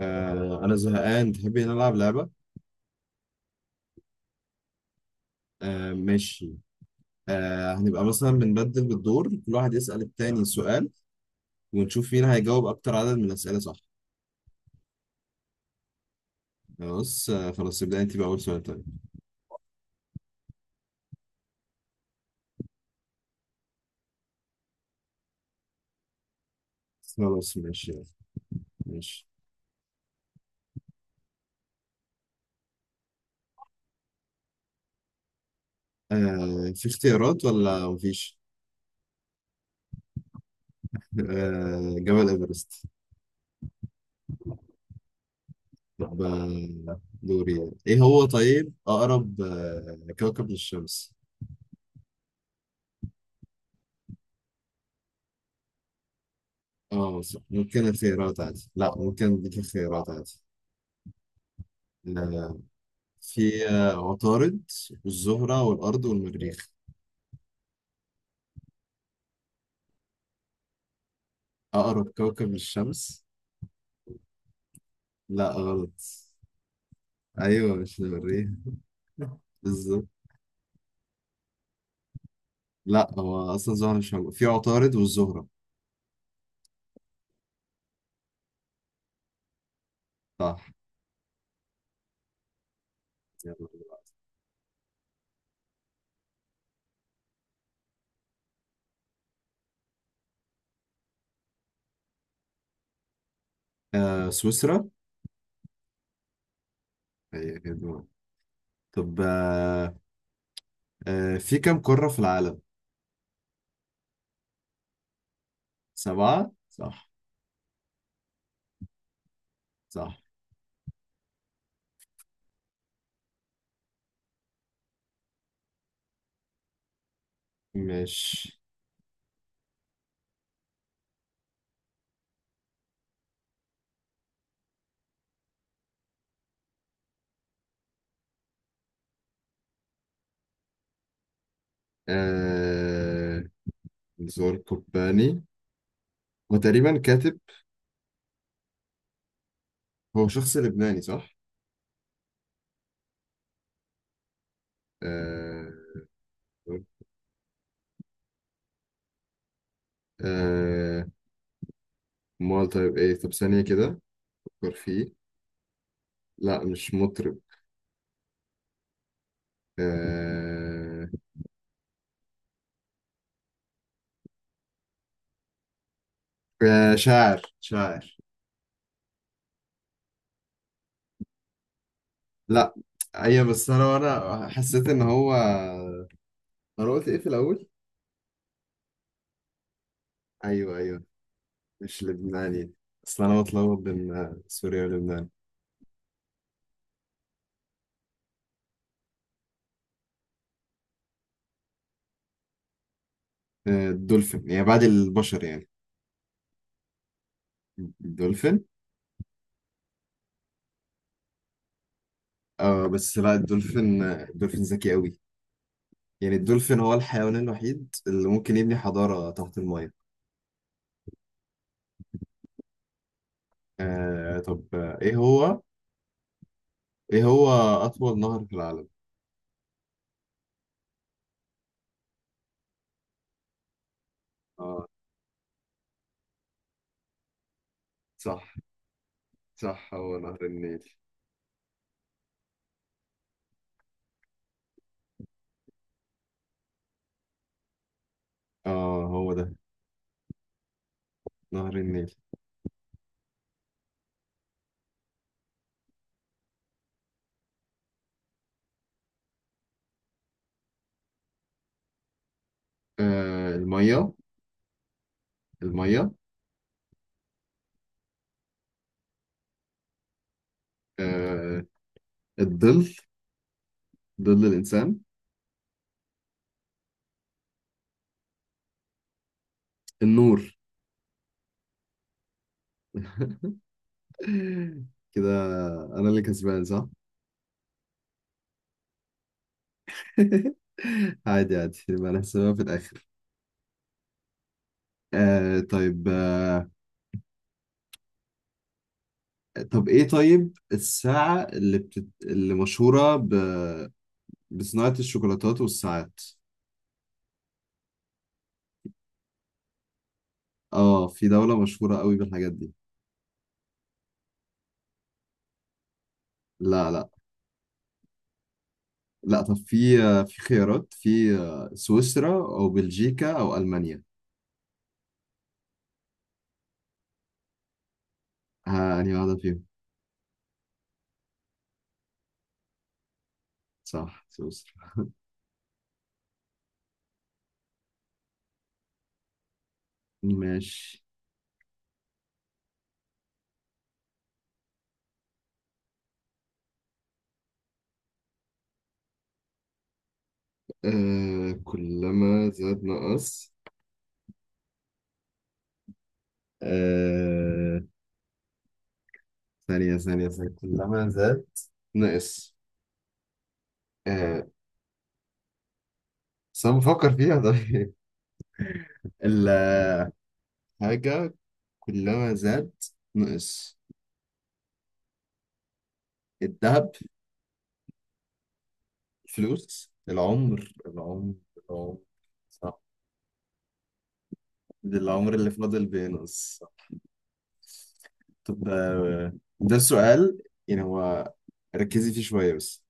انا زهقان، تحبي نلعب لعبة؟ ماشي. هنبقى مثلا بنبدل بالدور، كل واحد يسأل التاني سؤال ونشوف مين هيجاوب اكتر عدد من الأسئلة، صح؟ خلاص. خلاص ابدأ انت بأول سؤال، طيب. خلاص ماشي يلا. ماشي. في اختيارات ولا مفيش؟ جبل إيفرست. طب دوري. ايه هو طيب، اقرب كوكب للشمس؟ اه، صح. ممكن اختيارات، عادي. لا، ممكن اديك اختيارات عادي. آه، في عطارد والزهرة والأرض والمريخ. أقرب كوكب للشمس. لا، غلط. أيوه، مش المريخ. بالظبط. لا، هو أصلا الزهرة مش موجود، في عطارد والزهرة. صح. يلا. سويسرا. هي كده. طب في كم قارة في العالم؟ سبعة، صح. صح. مش... آه زور قباني، هو تقريبا كاتب. هو شخص لبناني، صح؟ آه. آه امال طيب ايه؟ طب ثانية كده، فكر فيه. لا، مش مطرب. آه... شاعر شاعر. لا. ايوه، بس انا حسيت ان هو... انا قلت ايه في الاول؟ ايوه ايوه، مش لبناني. اصل انا بتلخبط بين سوريا ولبنان. الدولفين، يعني بعد البشر يعني. الدولفين. اه بس لا، الدولفين ذكي قوي. يعني الدولفين هو الحيوان الوحيد اللي ممكن يبني حضارة تحت المية. طب، ايه هو؟ ايه هو اطول نهر في العالم؟ اه، صح. صح، هو نهر النيل. اه، هو ده. نهر النيل. المية. المية. آه الظل. ظل الانسان. النور. كده انا اللي كسبان، صح؟ عادي عادي، يبقى نحسبها في الاخر. طيب. طب ايه طيب، الساعة اللي بتت... اللي مشهورة ب... بصناعة الشوكولاتات والساعات. اه، في دولة مشهورة قوي بالحاجات دي. لا لا لا. طب في خيارات. في سويسرا او بلجيكا او المانيا. ها، انهي واحده فيهم؟ صح، سويسرا. ماشي. كلما زاد نقص. آه ثانية ثانية ثانية، كلما زاد نقص. آه بس أنا بفكر فيها. طيب. الحاجة كلما زاد نقص. الذهب. الفلوس، العمر العمر. العمر. صح، ده العمر اللي فاضل بينقص. طب ده السؤال. يعني هو، ركزي فيه شوية بس.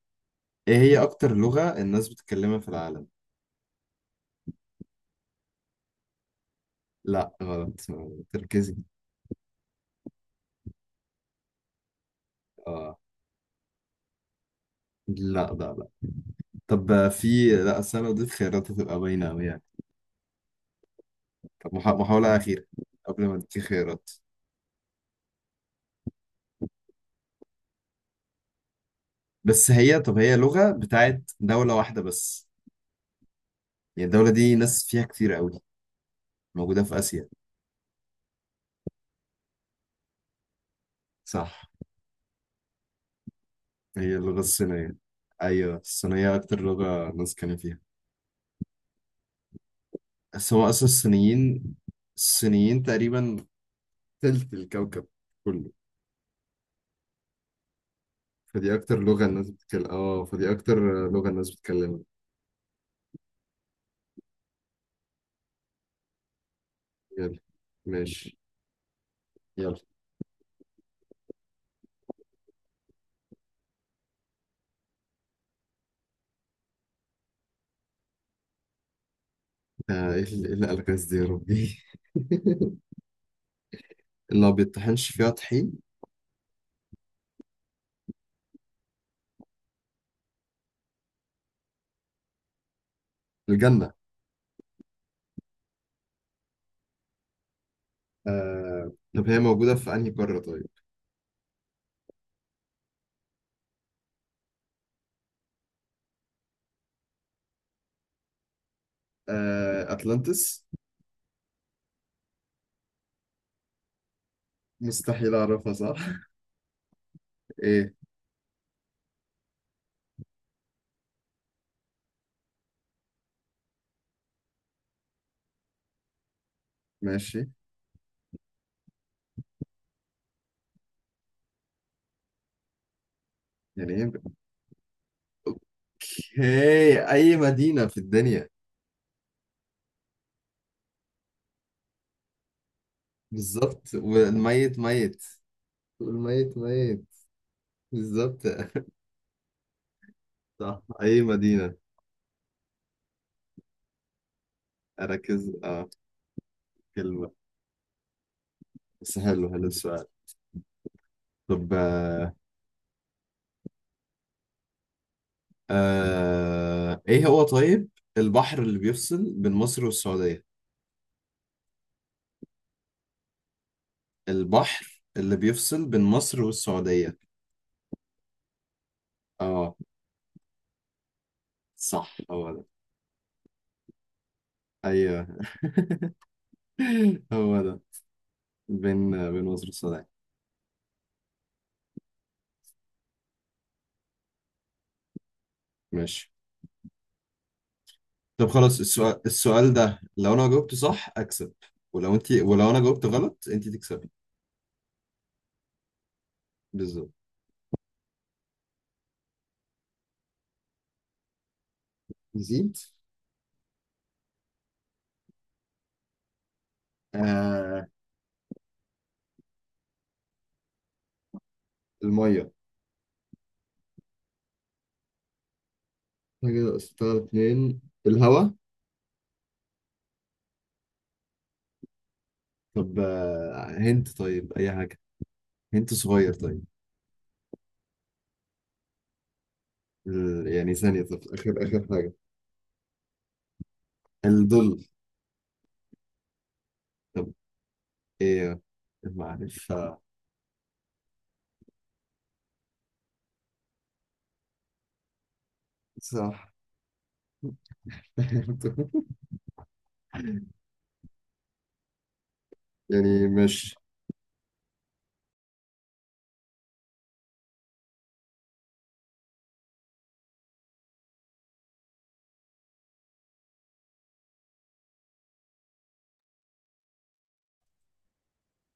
ايه هي اكتر لغة الناس بتتكلمها في العالم؟ لا، غلط. تركزي. اه. لا لا لا. طب، آه، في لا، أصل أنا لو اديت خيارات هتبقى باينة أوي يعني. طب محاولة أخيرة قبل ما اديكي خيارات. بس هي، طب هي لغة بتاعت دولة واحدة بس. يعني الدولة دي ناس فيها كتير أوي. موجودة في آسيا. صح، هي اللغة الصينية. أيوة، الصينية أكتر لغة ناس كانوا فيها. بس هو اصلا الصينيين. الصينيين تقريبا تلت الكوكب كله. فدي اكتر لغة الناس بتتكلمها. يلا. ماشي. يلا. ايه اللي إيه اللي قالك الناس دي يا ربي! اللي ما بيطحنش فيها طحين. الجنة. طب هي موجودة في انهي قارة طيب؟ أتلانتس. مستحيل أعرفها، صح. ايه. ماشي. يعني ايه؟ اوكي، اي مدينة في الدنيا. بالظبط، والميت ميت. والميت ميت. بالظبط. صح، أي مدينة. أركز في كلمة. بس، حلو حلو السؤال. طب إيه هو طيب؟ البحر اللي بيفصل بين مصر والسعودية؟ البحر اللي بيفصل بين مصر والسعودية. آه. صح، هو ده. أيوه. هو ده، بين مصر والسعودية. ماشي. طب خلاص. السؤال ده، لو أنا جاوبته صح أكسب. ولو أنا جاوبته غلط أنت تكسبي. بالظبط. نزيد. آه المية. انا كده استار اتنين. الهوا. طب هنت، طيب اي حاجة. هنت صغير طيب. يعني ثانية، طب اخر اخر حاجة. الظل. طب ايه، المعرفة. صح. يعني مش...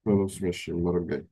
خلاص، مش المرة الجاية.